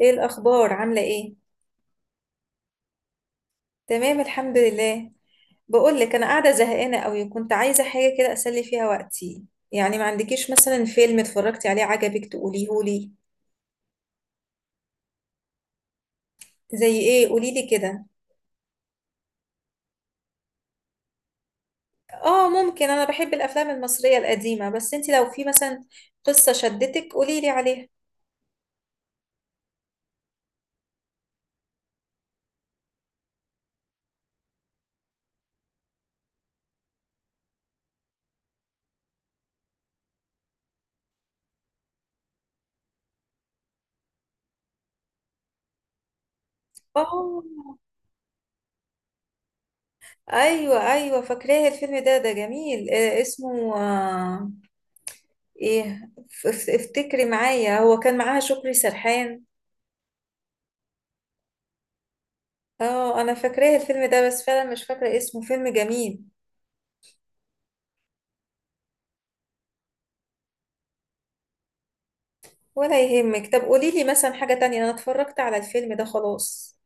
ايه الاخبار؟ عامله ايه؟ تمام، الحمد لله. بقول لك، انا قاعده زهقانه قوي، كنت عايزه حاجه كده اسلي فيها وقتي. يعني ما عندكيش مثلا فيلم اتفرجتي عليه عجبك تقوليهولي؟ زي ايه؟ قولي لي كده. اه ممكن، انا بحب الافلام المصريه القديمه، بس انت لو في مثلا قصه شدتك قولي لي عليها. اه، ايوه ايوه فاكراه الفيلم ده، ده جميل، اسمه ايه، افتكري معايا، هو كان معاها شكري سرحان. اه انا فاكراه الفيلم ده، بس فعلا مش فاكرة اسمه، فيلم جميل. ولا يهمك، طب قولي لي مثلا حاجة تانية، انا اتفرجت على الفيلم ده خلاص.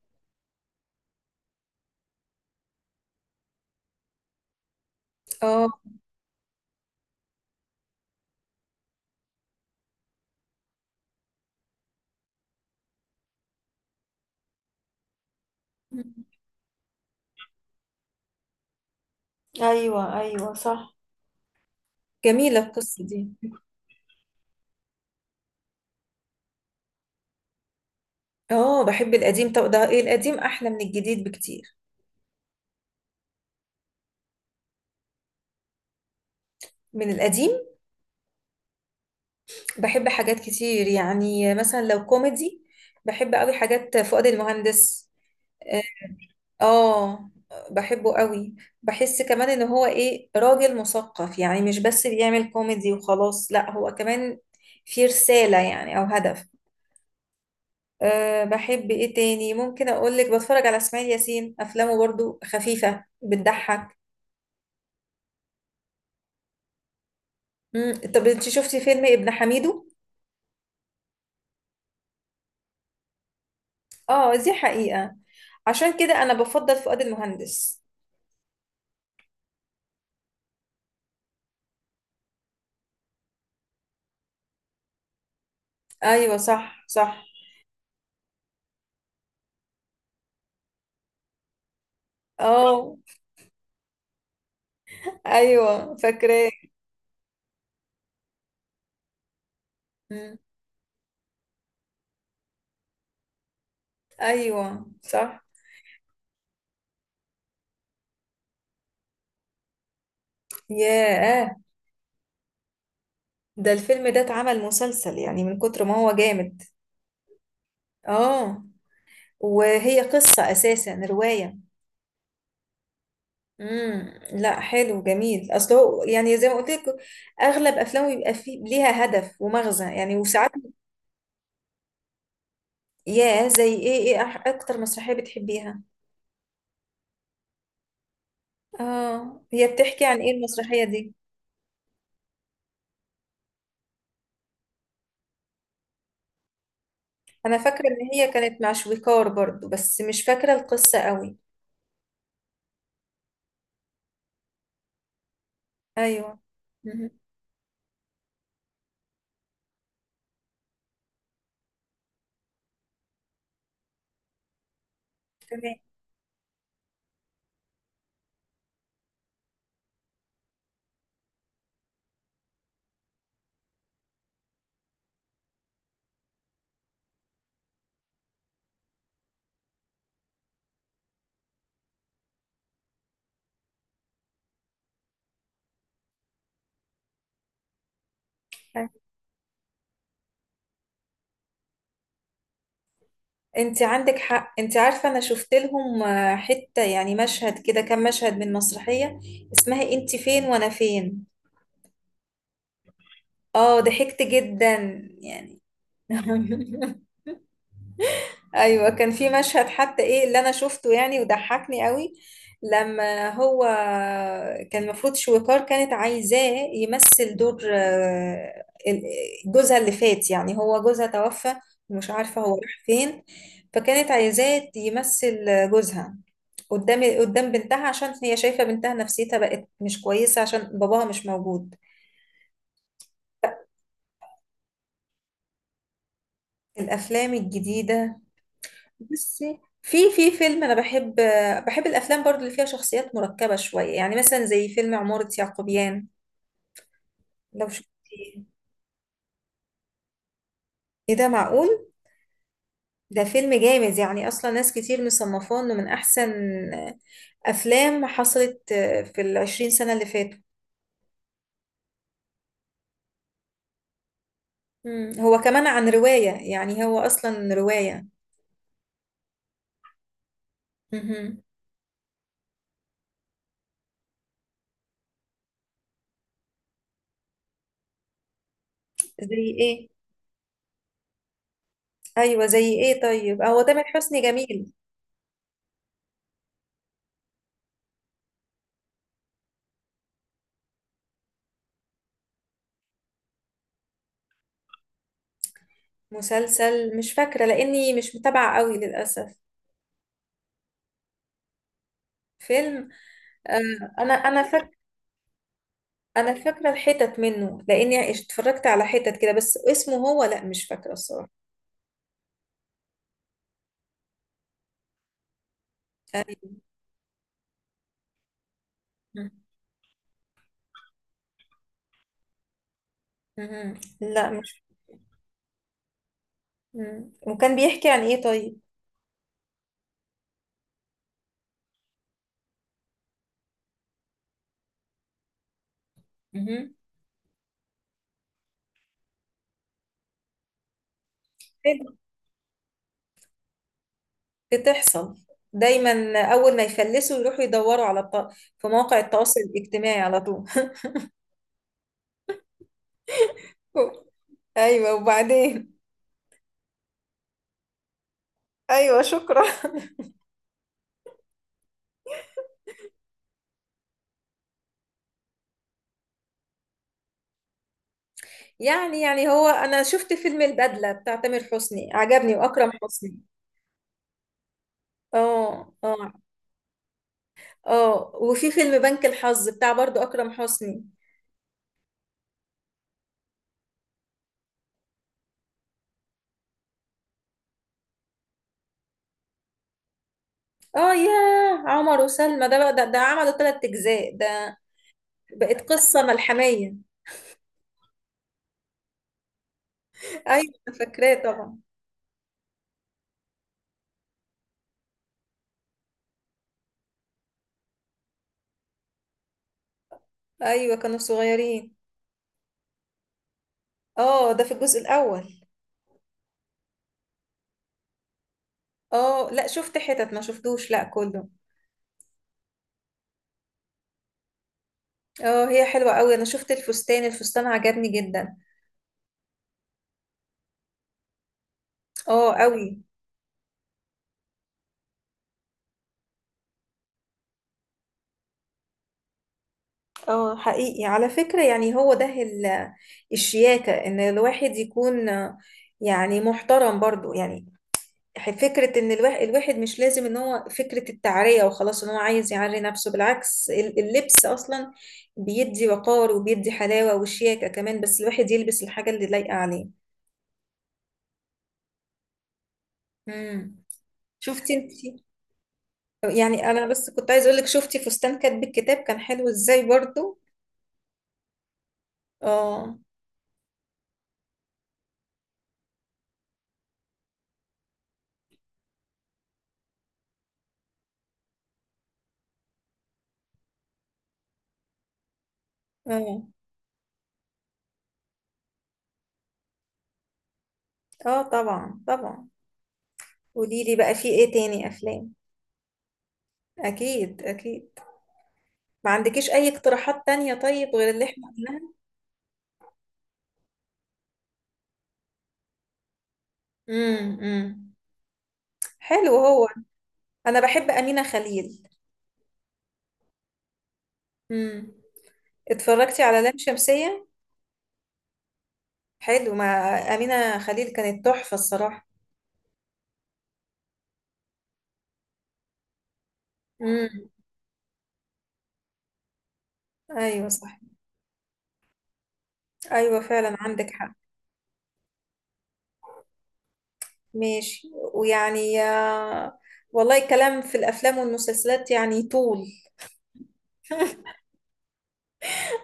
اه، ايوه ايوه صح، جميلة القصة دي. اه بحب القديم، طب ده ايه، القديم احلى من الجديد بكتير. من القديم. بحب حاجات كتير، يعني مثلا لو كوميدي بحب قوي حاجات فؤاد المهندس. اه بحبه قوي، بحس كمان ان هو ايه راجل مثقف، يعني مش بس بيعمل كوميدي وخلاص، لا هو كمان في رسالة يعني او هدف. بحب ايه تاني، ممكن اقولك بتفرج على اسماعيل ياسين، افلامه برضو خفيفة بتضحك. مم. طب انت شفتي فيلم ابن حميدو؟ اه دي حقيقة، عشان كده انا بفضل فؤاد المهندس. ايوه صح صح. اه ايوه فاكراه. مم. ايوه صح. ياه، ده الفيلم ده اتعمل مسلسل، يعني من كتر ما هو جامد. اه، وهي قصة اساسا رواية. لا حلو جميل، اصل هو يعني زي ما قلت لك اغلب افلامه بيبقى فيه ليها هدف ومغزى، يعني وساعات. يا زي ايه؟ ايه اكتر مسرحية بتحبيها؟ اه، هي بتحكي عن ايه المسرحية دي؟ انا فاكرة ان هي كانت مع شويكار برضو، بس مش فاكرة القصة قوي. ايوه. مهم. تمام. انت عندك حق، انت عارفة انا شفت لهم حتة يعني مشهد كده، كام مشهد من مسرحية اسمها انت فين وانا فين. اه ضحكت جدا يعني. ايوه كان في مشهد حتى ايه اللي انا شفته يعني وضحكني قوي. لما هو كان المفروض شويكار كانت عايزاه يمثل دور جوزها اللي فات، يعني هو جوزها توفى ومش عارفة هو راح فين، فكانت عايزاه يمثل جوزها قدام بنتها عشان هي شايفة بنتها نفسيتها بقت مش كويسة عشان باباها مش موجود. الأفلام الجديدة. بصي، في فيلم انا بحب، بحب الافلام برضو اللي فيها شخصيات مركبه شويه، يعني مثلا زي فيلم عماره يعقوبيان لو شفتيه. ايه ده معقول؟ ده فيلم جامد، يعني اصلا ناس كتير مصنفاه انه من احسن افلام حصلت في 20 سنه اللي فاتوا. مم. هو كمان عن روايه، يعني هو اصلا روايه. مهم. زي ايه؟ ايوه زي ايه طيب، هو تامر حسني جميل. مسلسل مش فاكره لاني مش متابعه قوي للاسف. فيلم. انا فاكره، انا فاكره الحتت منه لاني اتفرجت على حتت كده، بس اسمه هو لا مش فاكره الصراحه. أيوة. مم. مم. لا مش. مم. وكان بيحكي عن ايه طيب؟ مم. حلو. بتحصل، دايما اول ما يفلسوا يروحوا يدوروا على في مواقع التواصل الاجتماعي على طول. ايوه وبعدين. ايوه شكرا. يعني هو انا شفت فيلم البدله بتاع تامر حسني، عجبني واكرم حسني. اه اه. اه وفي فيلم بنك الحظ بتاع برضو اكرم حسني. اه يا، عمر وسلمى ده بقى ده عملوا 3 اجزاء، ده بقت قصه ملحميه. ايوه أنا فاكراه طبعا. ايوه كانوا صغيرين. اه ده في الجزء الاول. اه لا شفت حتت ما شفتوش، لا كله. اه هي حلوه قوي، انا شفت الفستان، الفستان عجبني جدا. اه قوي. اه حقيقي على فكره، يعني هو ده الشياكه، ان الواحد يكون يعني محترم برضو يعني. فكرة إن الواحد مش لازم إن هو فكرة التعرية وخلاص، إن هو عايز يعري نفسه، بالعكس اللبس أصلا بيدي وقار وبيدي حلاوة وشياكة كمان، بس الواحد يلبس الحاجة اللي لايقة عليه. امم. شفتي انتي، يعني أنا بس كنت عايز أقولك، شفتي فستان كاتب الكتاب كان حلو إزاي برضو. آه آه آه طبعا طبعا. قوليلي بقى، في إيه تاني أفلام؟ أكيد أكيد. ما عندكيش أي اقتراحات تانية طيب غير اللي إحنا قلناها؟ امم. حلو هو. انا بحب امينة خليل. امم. اتفرجتي على لام شمسية؟ حلو مع امينة خليل، كانت تحفة الصراحة. امم. ايوه صح. ايوه فعلا عندك حق. ماشي. ويعني والله الكلام في الافلام والمسلسلات يعني طول.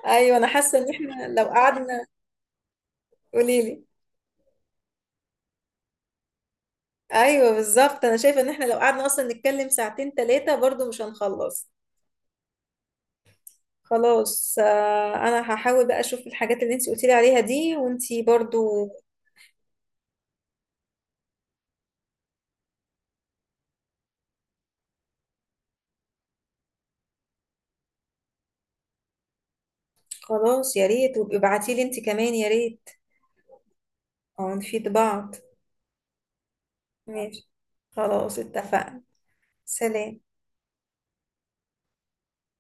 ايوه انا حاسه ان احنا لو قعدنا. قولي لي. ايوه بالظبط، انا شايفه ان احنا لو قعدنا اصلا نتكلم ساعتين ثلاثه برضو مش هنخلص. خلاص انا هحاول بقى اشوف الحاجات اللي انت قلتي لي عليها دي وانت برضو. خلاص يا ريت، وابقي ابعتيلي انت كمان يا ريت. او نفيد بعض. ماشي. خلاص اتفقنا. سلام.